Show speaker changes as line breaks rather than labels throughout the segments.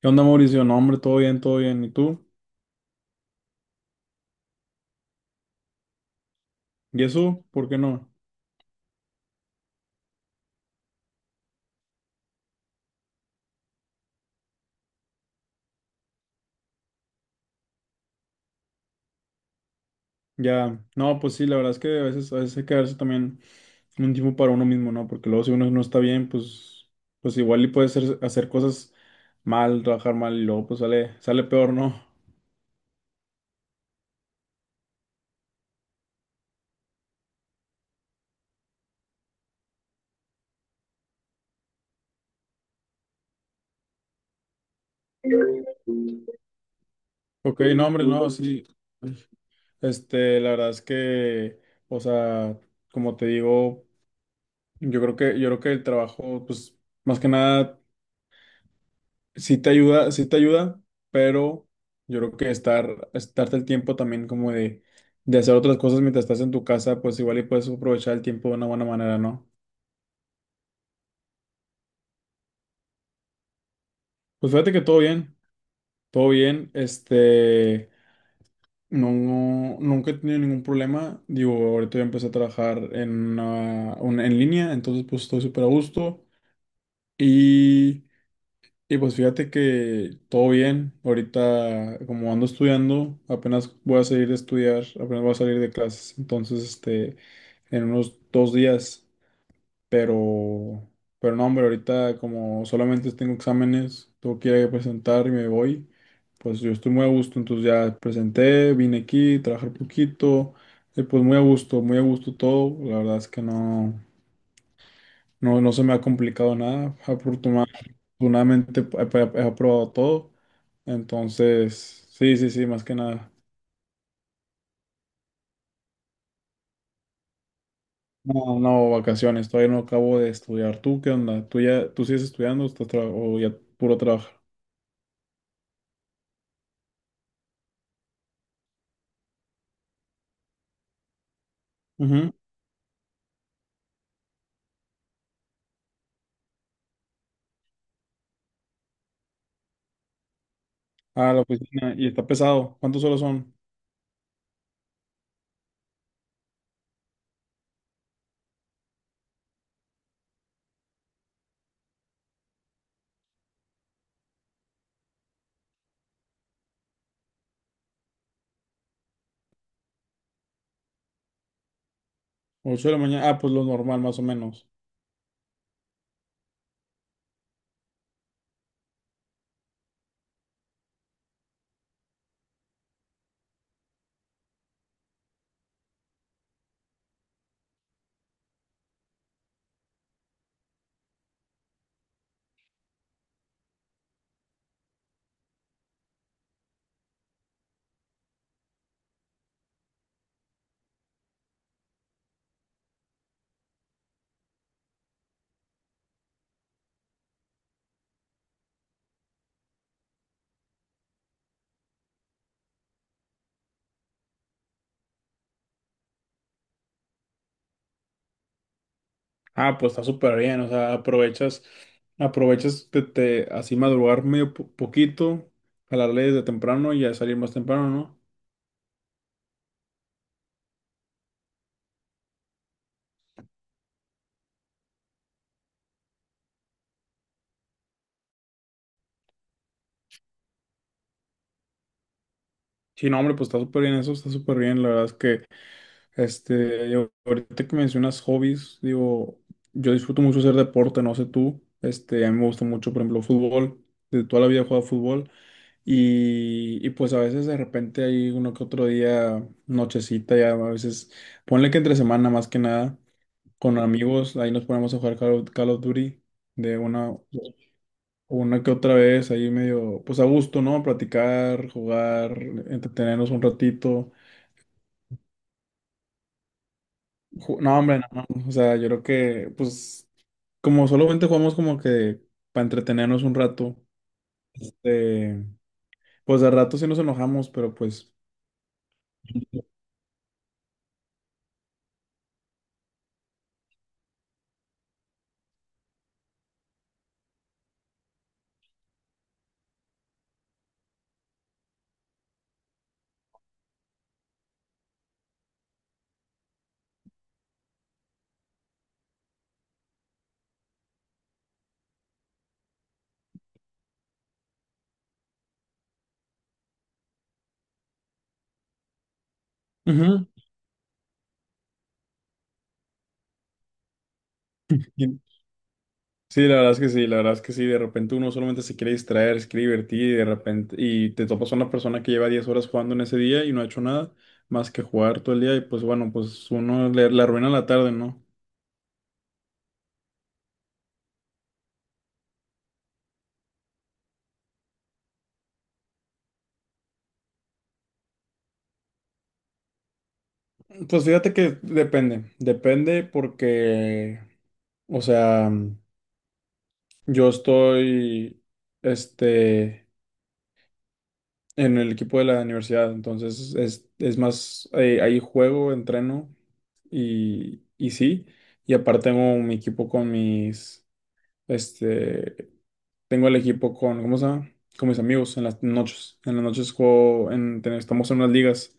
¿Qué onda, Mauricio? No, hombre, todo bien, todo bien. ¿Y tú? ¿Y eso? ¿Por qué no? Ya, no, pues sí, la verdad es que a veces hay que darse también un tiempo para uno mismo, ¿no? Porque luego si uno no está bien, pues, pues igual y puede ser, hacer cosas mal, trabajar mal y luego pues sale peor, ¿no? Ok, no, hombre, no, sí. La verdad es que, o sea, como te digo, yo creo que el trabajo, pues, más que nada. Sí te ayuda, pero yo creo que estarte el tiempo también como de hacer otras cosas mientras estás en tu casa, pues igual y puedes aprovechar el tiempo de una buena manera, ¿no? Pues fíjate que todo bien, no, nunca he tenido ningún problema, digo, ahorita ya empecé a trabajar en, en línea, entonces pues estoy súper a gusto y... Y pues fíjate que todo bien. Ahorita, como ando estudiando, apenas voy a salir de estudiar, apenas voy a salir de clases. Entonces, en unos 2 días. Pero, pero no, hombre, ahorita como solamente tengo exámenes, tengo que ir a presentar y me voy. Pues yo estoy muy a gusto. Entonces ya presenté, vine aquí, trabajé un poquito. Y pues muy a gusto todo. La verdad es que no. No, no se me ha complicado nada. Afortunadamente he aprobado todo. Entonces, sí, sí, sí, más que nada. No, no, vacaciones. Todavía no acabo de estudiar. ¿Tú qué onda? Tú sigues estudiando o estás o ya puro trabajo? Ujú. Ah, la oficina. Y está pesado. ¿Cuántas horas son? 8 de la mañana. Ah, pues lo normal, más o menos. Ah, pues está súper bien. O sea, aprovechas de, así madrugar medio poquito, jalarle desde temprano y ya salir más temprano, ¿no? Sí, no, hombre, pues está súper bien eso, está súper bien. La verdad es que, ahorita que mencionas hobbies, digo, yo disfruto mucho hacer deporte, no sé tú, a mí me gusta mucho, por ejemplo, fútbol, de toda la vida he jugado fútbol y pues a veces de repente hay uno que otro día, nochecita, ya a veces, ponle que entre semana más que nada, con amigos, ahí nos ponemos a jugar Call of Duty de una que otra vez, ahí medio, pues a gusto, ¿no? Platicar, jugar, entretenernos un ratito. No, hombre, no, no. O sea, yo creo que, pues, como solamente jugamos como que para entretenernos un rato, eh, pues de rato sí nos enojamos, pero pues... Ujú. Y- Sí, la verdad es que sí, la verdad es que sí, de repente uno solamente se quiere distraer, se quiere divertir y de repente, y te topas a una persona que lleva 10 horas jugando en ese día y no ha hecho nada más que jugar todo el día y pues bueno, pues uno le, le arruina la tarde, ¿no? Pues fíjate que depende porque, o sea... Yo estoy, este, en el equipo de la universidad, entonces es más, ahí juego, entreno y sí, y aparte tengo mi equipo con mis, este, tengo el equipo con, ¿cómo se llama? Con mis amigos en las noches juego, en, estamos en unas ligas.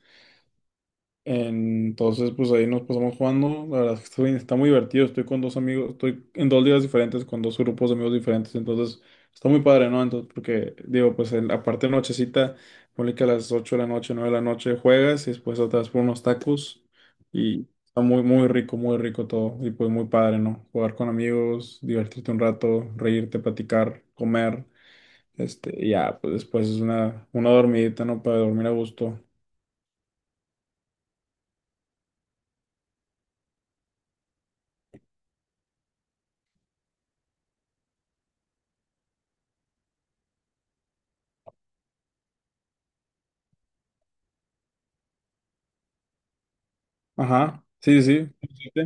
Entonces, pues ahí nos pasamos jugando. La verdad es que está muy divertido. Estoy con dos amigos, estoy en dos ligas diferentes, con dos grupos de amigos diferentes. Entonces, está muy padre, ¿no? Entonces, porque digo, pues en, aparte de nochecita, ponle que a las 8 de la noche, 9 de la noche juegas y después atrás por unos tacos. Y está muy, muy rico todo. Y pues muy padre, ¿no? Jugar con amigos, divertirte un rato, reírte, platicar, comer. Y ya, pues después es una dormidita, ¿no? Para dormir a gusto. Ajá, sí, sí. Sí.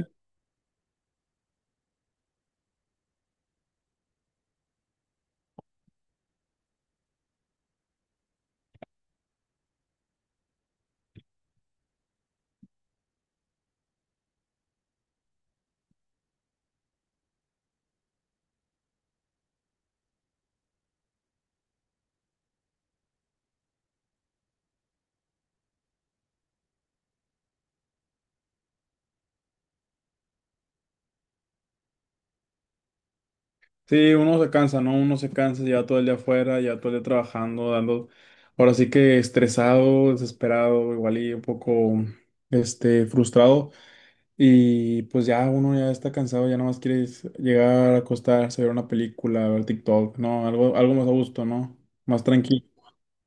Sí, uno se cansa, ¿no? Uno se cansa, lleva todo el día afuera, lleva todo el día trabajando, dando, ahora sí que estresado, desesperado, igual y un poco, frustrado. Y pues ya uno ya está cansado, ya nomás quiere es llegar a acostarse, ver una película, ver TikTok, ¿no? Algo, algo más a gusto, ¿no? Más tranquilo.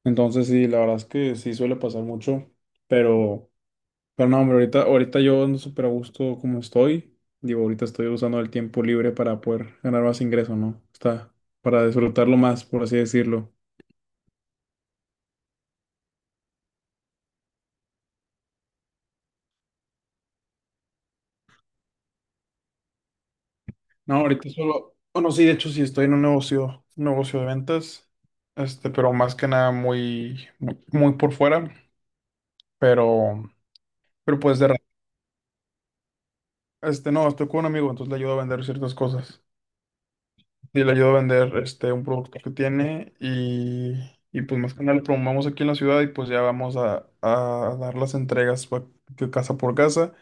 Entonces sí, la verdad es que sí suele pasar mucho, pero... Pero no, hombre, ahorita yo ando súper a gusto como estoy. Digo, ahorita estoy usando el tiempo libre para poder ganar más ingreso, ¿no? Está para disfrutarlo más, por así decirlo. No, ahorita solo, bueno, sí, de hecho sí estoy en un negocio de ventas, pero más que nada muy, muy, muy por fuera, pero, pero pues de, no, estoy con un amigo, entonces le ayudo a vender ciertas cosas. Sí, le ayudo a vender este, un producto que tiene y, pues más que nada lo promovamos aquí en la ciudad y pues ya vamos a dar las entregas que casa por casa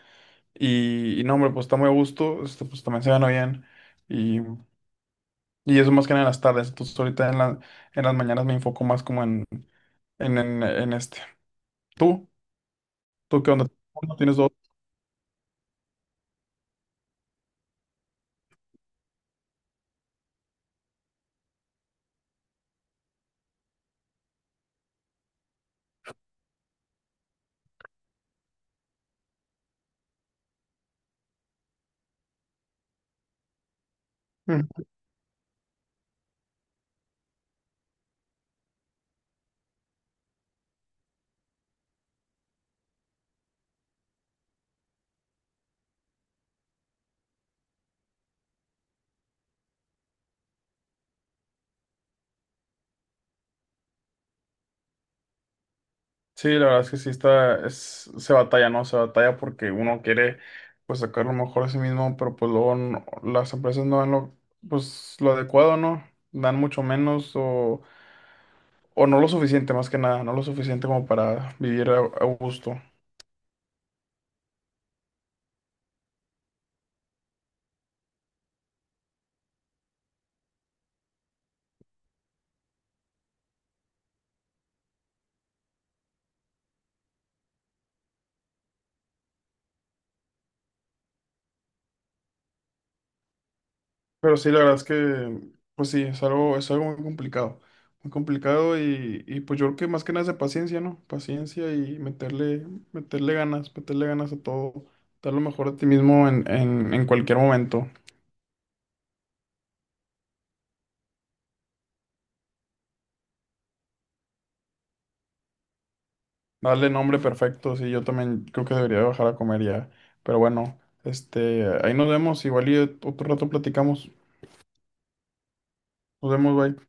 y no, hombre, pues está muy a gusto, pues también se gana bien y, y eso más que nada en las tardes, entonces ahorita en en las mañanas me enfoco más como en, en este. ¿Tú? ¿Tú qué onda? ¿Tú no? ¿Tienes dos? Sí, la verdad es que sí está, es, se batalla, ¿no? Se batalla porque uno quiere, pues, sacar lo mejor a sí mismo, pero pues luego las empresas no dan lo, pues, lo adecuado, ¿no? Dan mucho menos o no lo suficiente, más que nada, no lo suficiente como para vivir a gusto. Pero sí, la verdad es que, pues sí, es algo muy complicado y pues yo creo que más que nada es de paciencia, ¿no? Meterle ganas a todo, dar lo mejor a ti mismo en, en cualquier momento. Dale nombre perfecto, sí, yo también creo que debería bajar a comer ya. Pero bueno, ahí nos vemos, igual y otro rato platicamos. Nos vemos, bye.